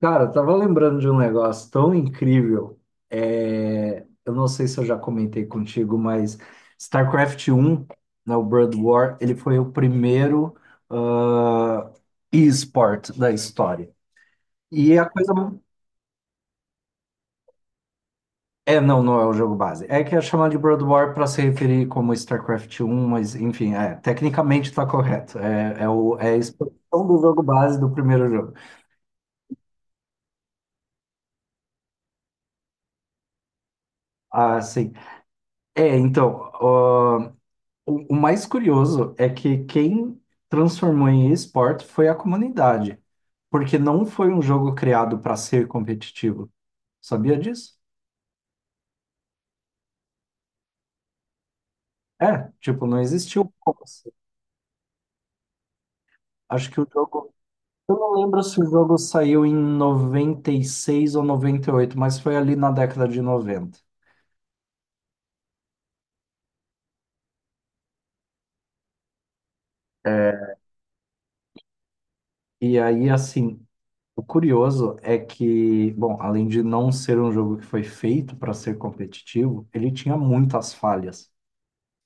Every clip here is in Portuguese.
Cara, eu tava lembrando de um negócio tão incrível. É, eu não sei se eu já comentei contigo, mas StarCraft um, né, o Brood War, ele foi o primeiro ah, e-sport da história. E é a coisa. É, não, não é o jogo base. É que é chamado de Brood War para se referir como StarCraft um, mas enfim, é, tecnicamente está correto. É a expansão do jogo base do primeiro jogo. Ah, sim. É, então. O mais curioso é que quem transformou em esporte foi a comunidade, porque não foi um jogo criado para ser competitivo. Sabia disso? É, tipo, não existiu um como ser. Acho que o jogo. Eu não lembro se o jogo saiu em 96 ou 98, mas foi ali na década de 90. E aí, assim, o curioso é que, bom, além de não ser um jogo que foi feito para ser competitivo, ele tinha muitas falhas.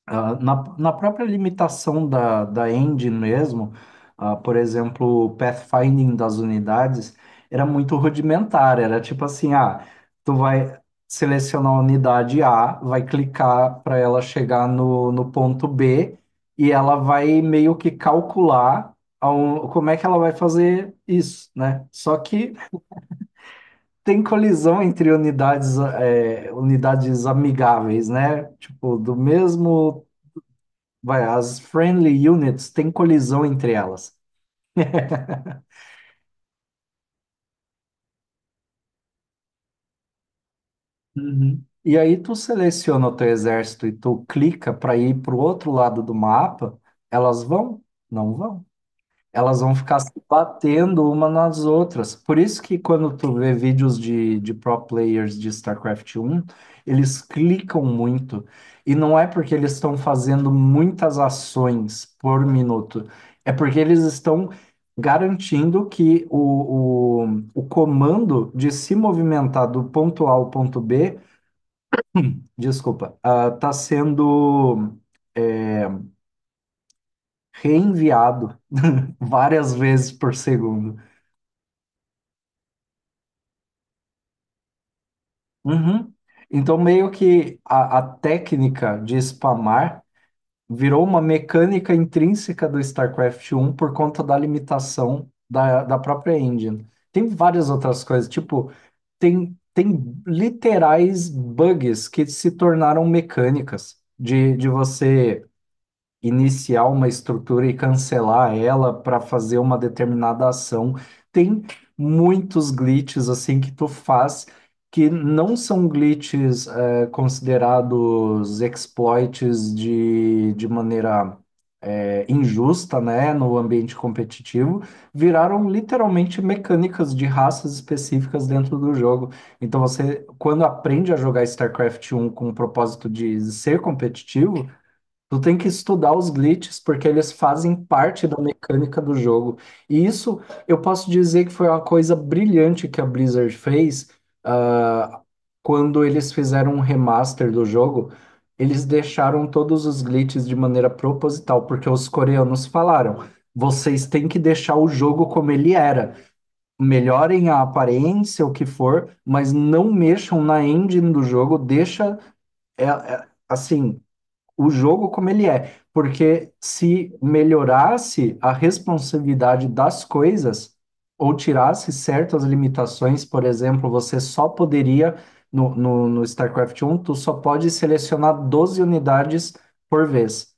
Na própria limitação da engine mesmo, por exemplo, o pathfinding das unidades era muito rudimentar, era tipo assim, tu vai selecionar a unidade A, vai clicar para ela chegar no ponto B e ela vai meio que calcular como é que ela vai fazer isso, né? Só que tem colisão entre unidades, unidades amigáveis, né? Tipo, do mesmo vai, as friendly units têm colisão entre elas. Uhum. E aí tu seleciona o teu exército e tu clica para ir para o outro lado do mapa, elas vão? Não vão. Elas vão ficar se batendo uma nas outras. Por isso que quando tu vê vídeos de pro players de StarCraft um, eles clicam muito. E não é porque eles estão fazendo muitas ações por minuto, é porque eles estão garantindo que o comando de se movimentar do ponto A ao ponto B, desculpa, está sendo é, reenviado várias vezes por segundo. Uhum. Então, meio que a técnica de spamar virou uma mecânica intrínseca do StarCraft um por conta da limitação da própria engine. Tem várias outras coisas, tipo, tem literais bugs que se tornaram mecânicas de você iniciar uma estrutura e cancelar ela para fazer uma determinada ação. Tem muitos glitches assim que tu faz que não são glitches considerados exploits de maneira injusta, né, no ambiente competitivo, viraram literalmente mecânicas de raças específicas dentro do jogo. Então você, quando aprende a jogar StarCraft um com o propósito de ser competitivo, tu tem que estudar os glitches, porque eles fazem parte da mecânica do jogo. E isso eu posso dizer que foi uma coisa brilhante que a Blizzard fez, ah, quando eles fizeram um remaster do jogo. Eles deixaram todos os glitches de maneira proposital, porque os coreanos falaram: vocês têm que deixar o jogo como ele era. Melhorem a aparência, o que for, mas não mexam na engine do jogo, deixa. Assim, o jogo como ele é, porque se melhorasse a responsabilidade das coisas ou tirasse certas limitações, por exemplo, você só poderia no StarCraft um tu só pode selecionar 12 unidades por vez.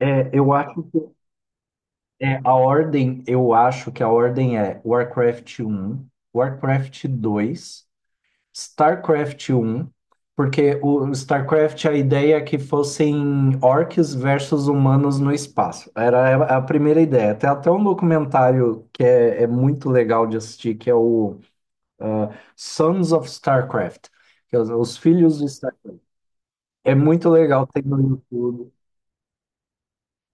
É, eu acho que a ordem é Warcraft um Warcraft dois StarCraft um, porque o StarCraft, a ideia é que fossem orcs versus humanos no espaço. Era a primeira ideia. Tem até um documentário que é muito legal de assistir, que é o ah, Sons of StarCraft, que é os filhos de StarCraft. É muito legal, tem no YouTube.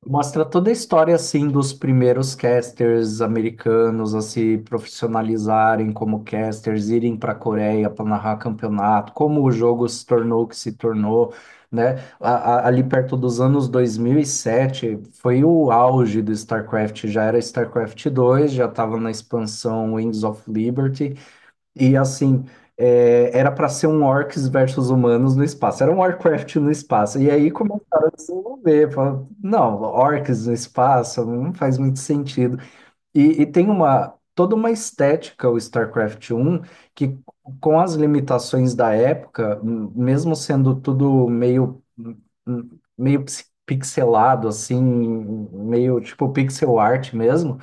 Mostra toda a história assim dos primeiros casters americanos a se profissionalizarem como casters, irem para a Coreia para narrar campeonato, como o jogo se tornou o que se tornou, né? Ali perto dos anos 2007 foi o auge do StarCraft, já era StarCraft dois já estava na expansão Wings of Liberty, e assim, era para ser um orcs versus humanos no espaço. Era um Warcraft no espaço. E aí começaram a desenvolver. Falaram, não, orcs no espaço não faz muito sentido. E tem uma toda uma estética o StarCraft um que com as limitações da época, mesmo sendo tudo meio pixelado assim, meio tipo pixel art mesmo,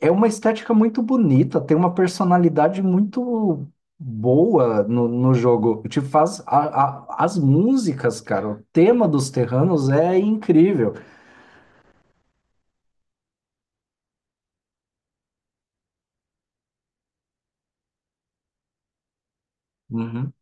é uma estética muito bonita, tem uma personalidade muito boa no jogo. Te faz as músicas, cara. O tema dos Terranos é incrível. Uhum,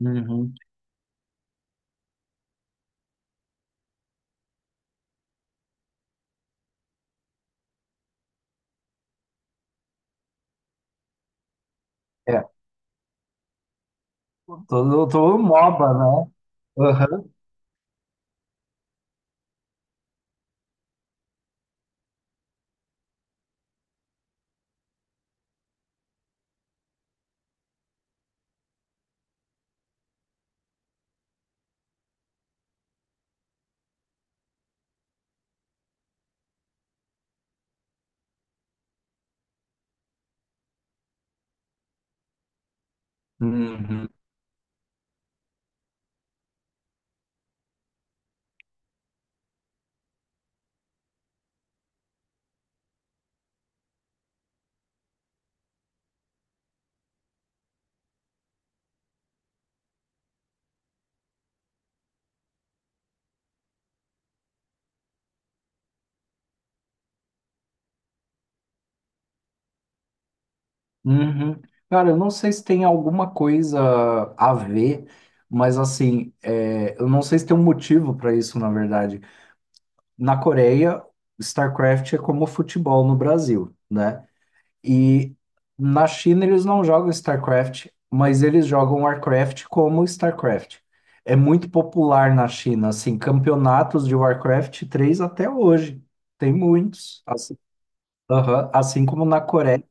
uhum. É, todo MOBA, né? Aham. Uhum. Uhum. Cara, eu não sei se tem alguma coisa a ver, mas assim, eu não sei se tem um motivo para isso, na verdade. Na Coreia, StarCraft é como futebol no Brasil, né? E na China eles não jogam StarCraft, mas eles jogam Warcraft como StarCraft. É muito popular na China, assim, campeonatos de Warcraft 3 até hoje. Tem muitos. Assim, aham, assim como na Coreia.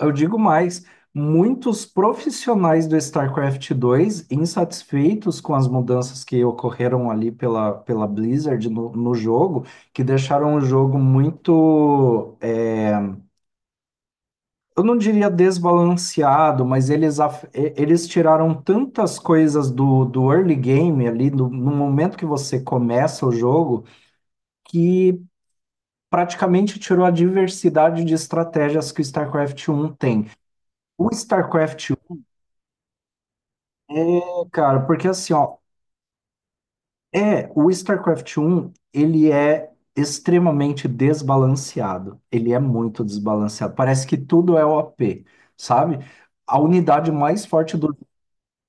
Eu digo mais, muitos profissionais do StarCraft dois insatisfeitos com as mudanças que ocorreram ali pela Blizzard no jogo, que deixaram o jogo muito eu não diria desbalanceado, mas eles tiraram tantas coisas do early game ali, no momento que você começa o jogo, que praticamente tirou a diversidade de estratégias que o StarCraft 1 tem. O StarCraft 1 é, cara, porque assim, ó, é, o StarCraft 1, ele é extremamente desbalanceado. Ele é muito desbalanceado. Parece que tudo é OP, sabe? A unidade mais forte do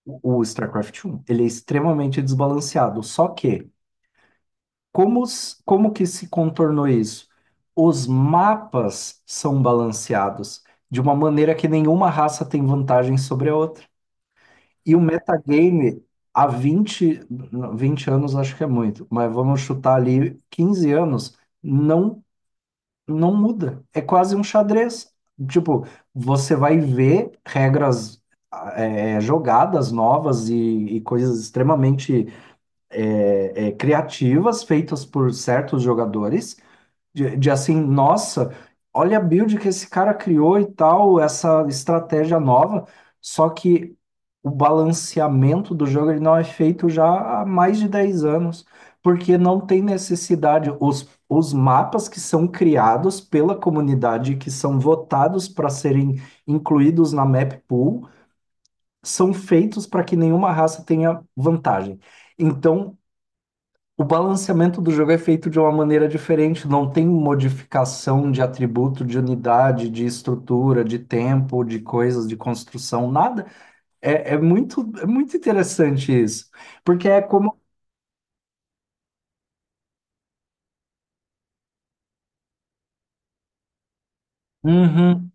O o StarCraft um, ele é extremamente desbalanceado. Só que, como, como que se contornou isso? Os mapas são balanceados de uma maneira que nenhuma raça tem vantagem sobre a outra. E o metagame, há 20, não, 20 anos acho que é muito, mas vamos chutar ali 15 anos, não, não muda. É quase um xadrez. Tipo, você vai ver regras, jogadas novas e coisas extremamente criativas feitas por certos jogadores, de assim, nossa, olha a build que esse cara criou e tal, essa estratégia nova, só que o balanceamento do jogo ele não é feito já há mais de 10 anos, porque não tem necessidade. Os mapas que são criados pela comunidade, que são votados para serem incluídos na map pool, são feitos para que nenhuma raça tenha vantagem. Então, o balanceamento do jogo é feito de uma maneira diferente, não tem modificação de atributo, de unidade, de estrutura, de tempo, de coisas, de construção, nada. É, é muito interessante isso, porque é como. Uhum.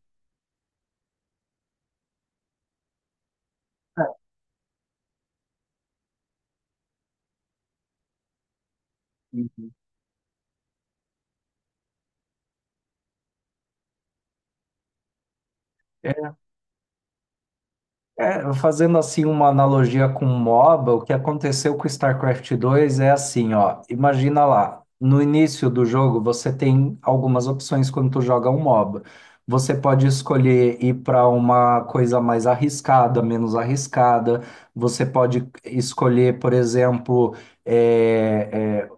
É, fazendo assim uma analogia com MOBA, o que aconteceu com o StarCraft 2 é assim, ó, imagina lá, no início do jogo você tem algumas opções quando tu joga um MOBA. Você pode escolher ir para uma coisa mais arriscada, menos arriscada. Você pode escolher, por exemplo, é, é,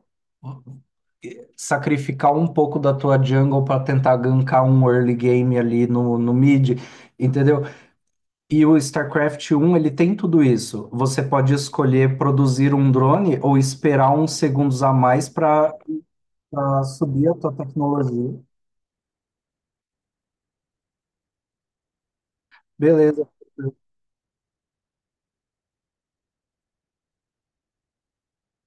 sacrificar um pouco da tua jungle para tentar gankar um early game ali no mid. Entendeu? E o StarCraft 1, ele tem tudo isso. Você pode escolher produzir um drone ou esperar uns segundos a mais para subir a tua tecnologia. Beleza.